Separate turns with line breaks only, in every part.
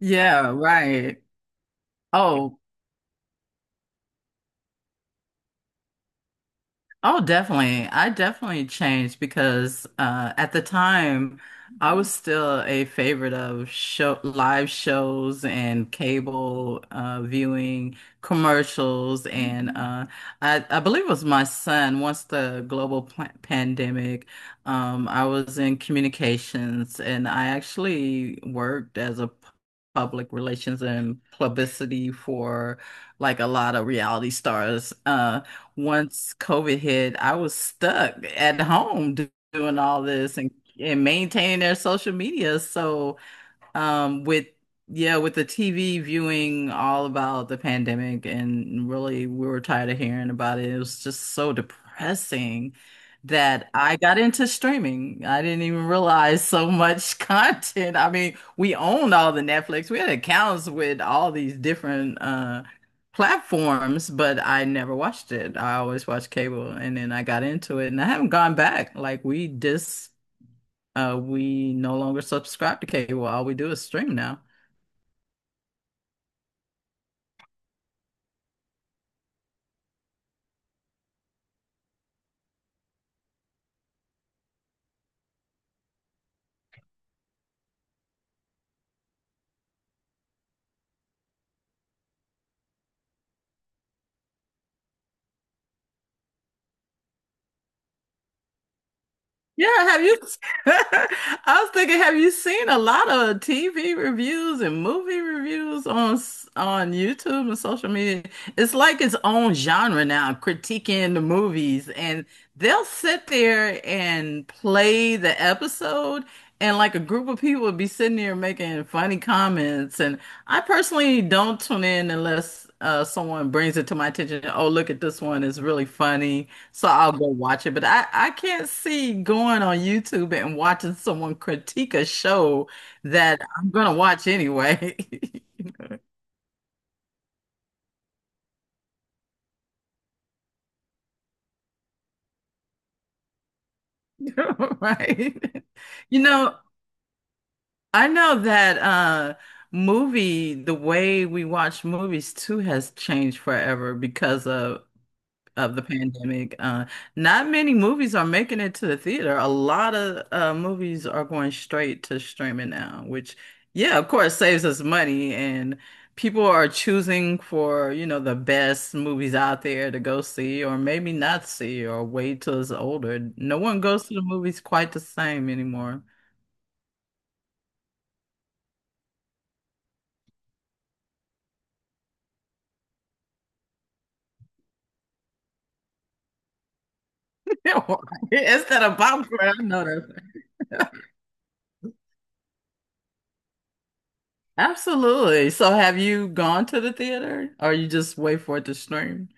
Yeah, right. Yeah. Oh, Oh, definitely. I definitely changed because at the time I was still a favorite of show live shows and cable viewing commercials and I believe it was my son once the global pandemic I was in communications and I actually worked as a public relations and publicity for like a lot of reality stars. Once COVID hit, I was stuck at home doing all this and maintaining their social media. So um, with yeah, with the TV viewing all about the pandemic, and really we were tired of hearing about it. It was just so depressing that I got into streaming. I didn't even realize so much content. I mean, we owned all the Netflix. We had accounts with all these different platforms, but I never watched it. I always watched cable, and then I got into it, and I haven't gone back. Like we just we no longer subscribe to cable. All we do is stream now. Yeah, have you? I was thinking, have you seen a lot of TV reviews and movie reviews on on YouTube and social media? It's like its own genre now, critiquing the movies, and they'll sit there and play the episode, and like a group of people would be sitting there making funny comments. And I personally don't tune in unless someone brings it to my attention. Oh, look at this one; it's really funny, so I'll go watch it, but I can't see going on YouTube and watching someone critique a show that I'm gonna watch anyway. Right. You know, I know that movie, the way we watch movies too has changed forever because of the pandemic. Not many movies are making it to the theater. A lot of movies are going straight to streaming now, which, yeah, of course, saves us money. And people are choosing for, you know, the best movies out there to go see, or maybe not see, or wait till it's older. No one goes to the movies quite the same anymore. Instead of popcorn, I know that. Absolutely. So, have you gone to the theater, or you just wait for it to stream?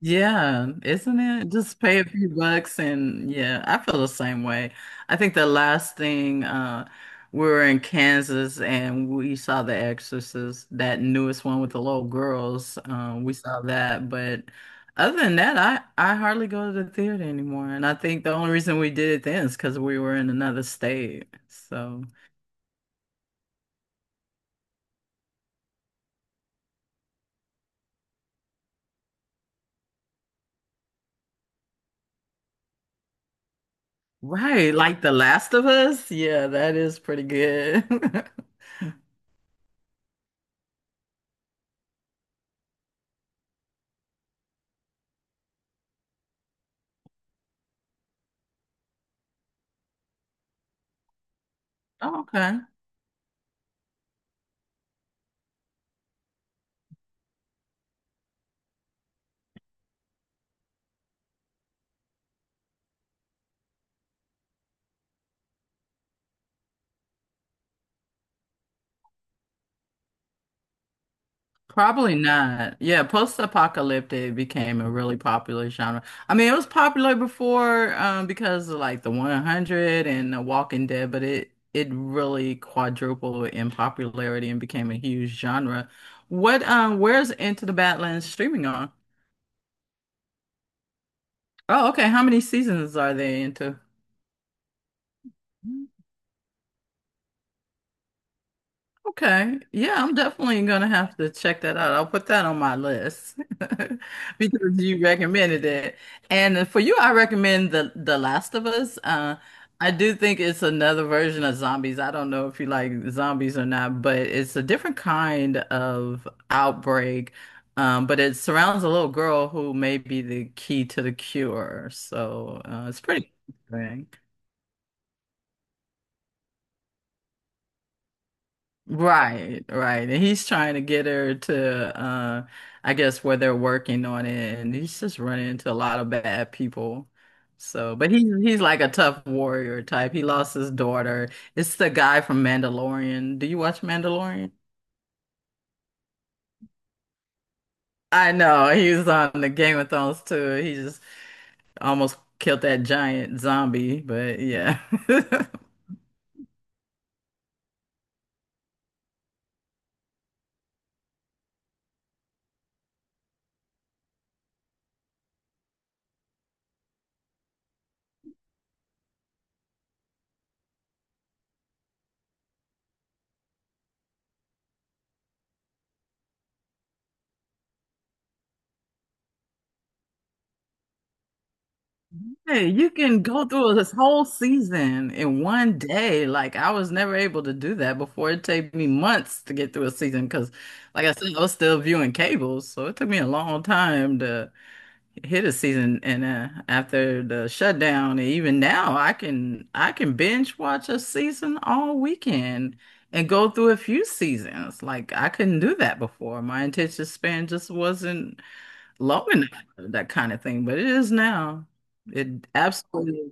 Yeah, isn't it? Just pay a few bucks and yeah, I feel the same way. I think the last thing we were in Kansas and we saw The Exorcist, that newest one with the little girls. We saw that, but other than that, I hardly go to the theater anymore. And I think the only reason we did it then is because we were in another state. So, right, like The Last of Us, yeah, that is pretty good. Okay. Probably not. Yeah, post-apocalyptic became a really popular genre. I mean, it was popular before because of like the 100 and The Walking Dead, but it really quadrupled in popularity and became a huge genre. What where's Into the Badlands streaming on? Oh, okay. How many seasons are they into? Okay. Yeah, I'm definitely gonna have to check that out. I'll put that on my list because you recommended it. And for you, I recommend the Last of Us. I do think it's another version of zombies. I don't know if you like zombies or not, but it's a different kind of outbreak. But it surrounds a little girl who may be the key to the cure. So it's pretty interesting. Right, right. And he's trying to get her to I guess where they're working on it and he's just running into a lot of bad people. So, but he's like a tough warrior type. He lost his daughter. It's the guy from Mandalorian. Do you watch Mandalorian? I know. He was on the Game of Thrones too. He just almost killed that giant zombie, but yeah. Hey, you can go through this whole season in one day. Like I was never able to do that before. It took me months to get through a season because, like I said, I was still viewing cables, so it took me a long time to hit a season. And after the shutdown, and even now, I can binge watch a season all weekend and go through a few seasons. Like I couldn't do that before. My attention span just wasn't low enough for that kind of thing, but it is now. It absolutely,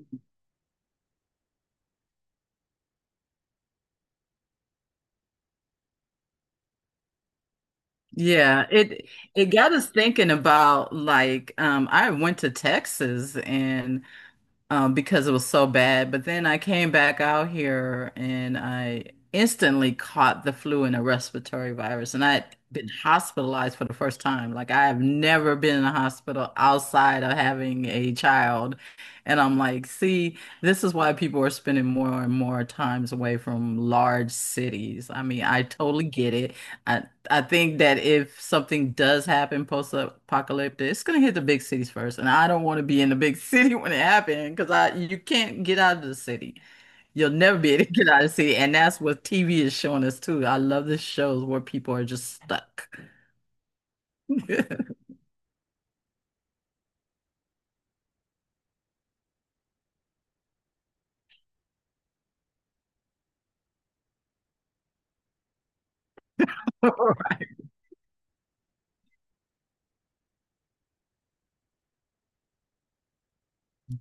yeah. It got us thinking about like I went to Texas and because it was so bad. But then I came back out here and I instantly caught the flu and a respiratory virus. And I had been hospitalized for the first time. Like I have never been in a hospital outside of having a child. And I'm like, see, this is why people are spending more and more times away from large cities. I mean, I totally get it. I, I think that if something does happen post-apocalyptic, it's gonna hit the big cities first, and I don't want to be in the big city when it happens because I you can't get out of the city. You'll never be able to get out of the city, and that's what TV is showing us too. I love the shows where people are just stuck. Right.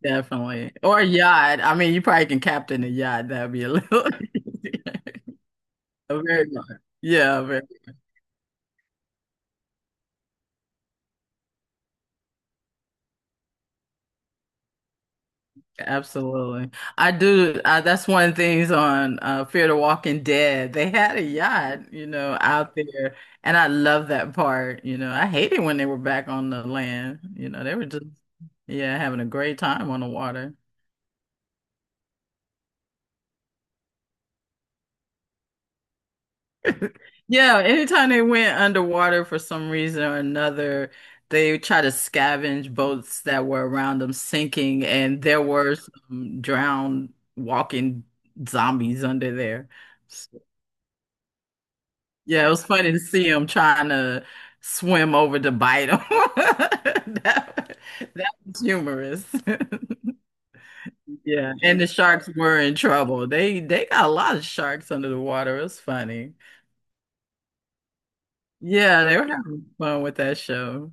Definitely, or a yacht. I mean, you probably can captain a yacht. That'd be a little a very large. Yeah, very. Absolutely. I do. That's one of the things on Fear the Walking Dead. They had a yacht, you know, out there. And I love that part. You know, I hated when they were back on the land. You know, they were just, yeah, having a great time on the water. Yeah, anytime they went underwater for some reason or another, they tried to scavenge boats that were around them sinking. And there were some drowned walking zombies under there. Yeah, it was funny to see him trying to swim over to bite him. That, that was humorous. Yeah, and the sharks were in trouble. They got a lot of sharks under the water. It was funny. Yeah, they were having fun with that show.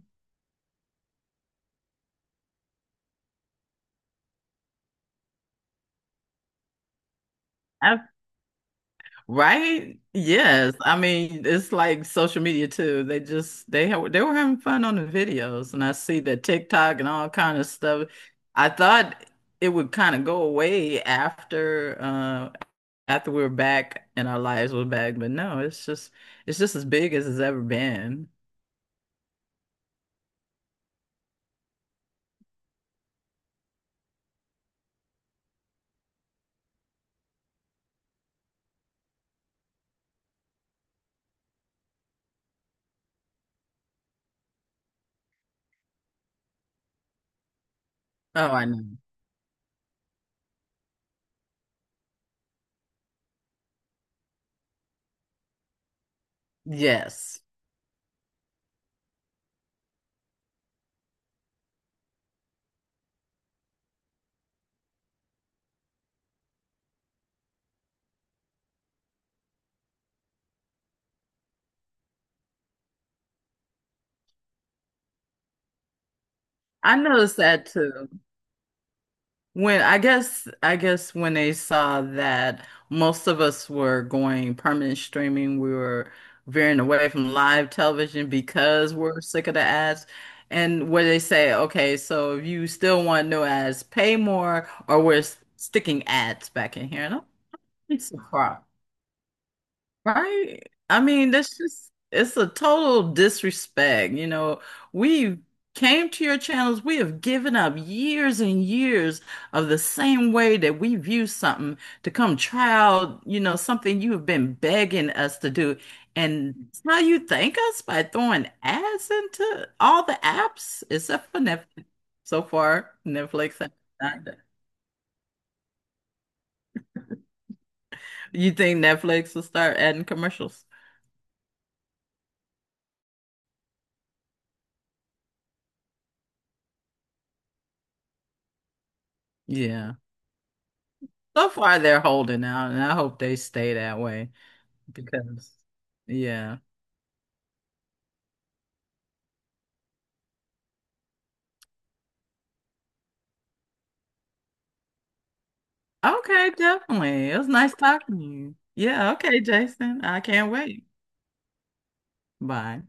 I- right? Yes. I mean, it's like social media too. They were having fun on the videos, and I see the TikTok and all kind of stuff. I thought it would kind of go away after after we were back and our lives were back, but no, it's just as big as it's ever been. Oh, I know. Yes. I noticed that too. When, I guess when they saw that most of us were going permanent streaming, we were veering away from live television because we're sick of the ads. And where they say, okay, so if you still want no ads, pay more, or we're sticking ads back in here. And I'm like, it's a crime. Right? I mean, that's just, it's a total disrespect. You know, we came to your channels, we have given up years and years of the same way that we view something to come try out, you know, something you have been begging us to do. And now you thank us by throwing ads into all the apps except for Netflix. So far, Netflix has not done- You think Netflix will start adding commercials? Yeah. So far, they're holding out, and I hope they stay that way because, yeah. Okay, definitely. It was nice talking to you. Yeah, okay, Jason. I can't wait. Bye.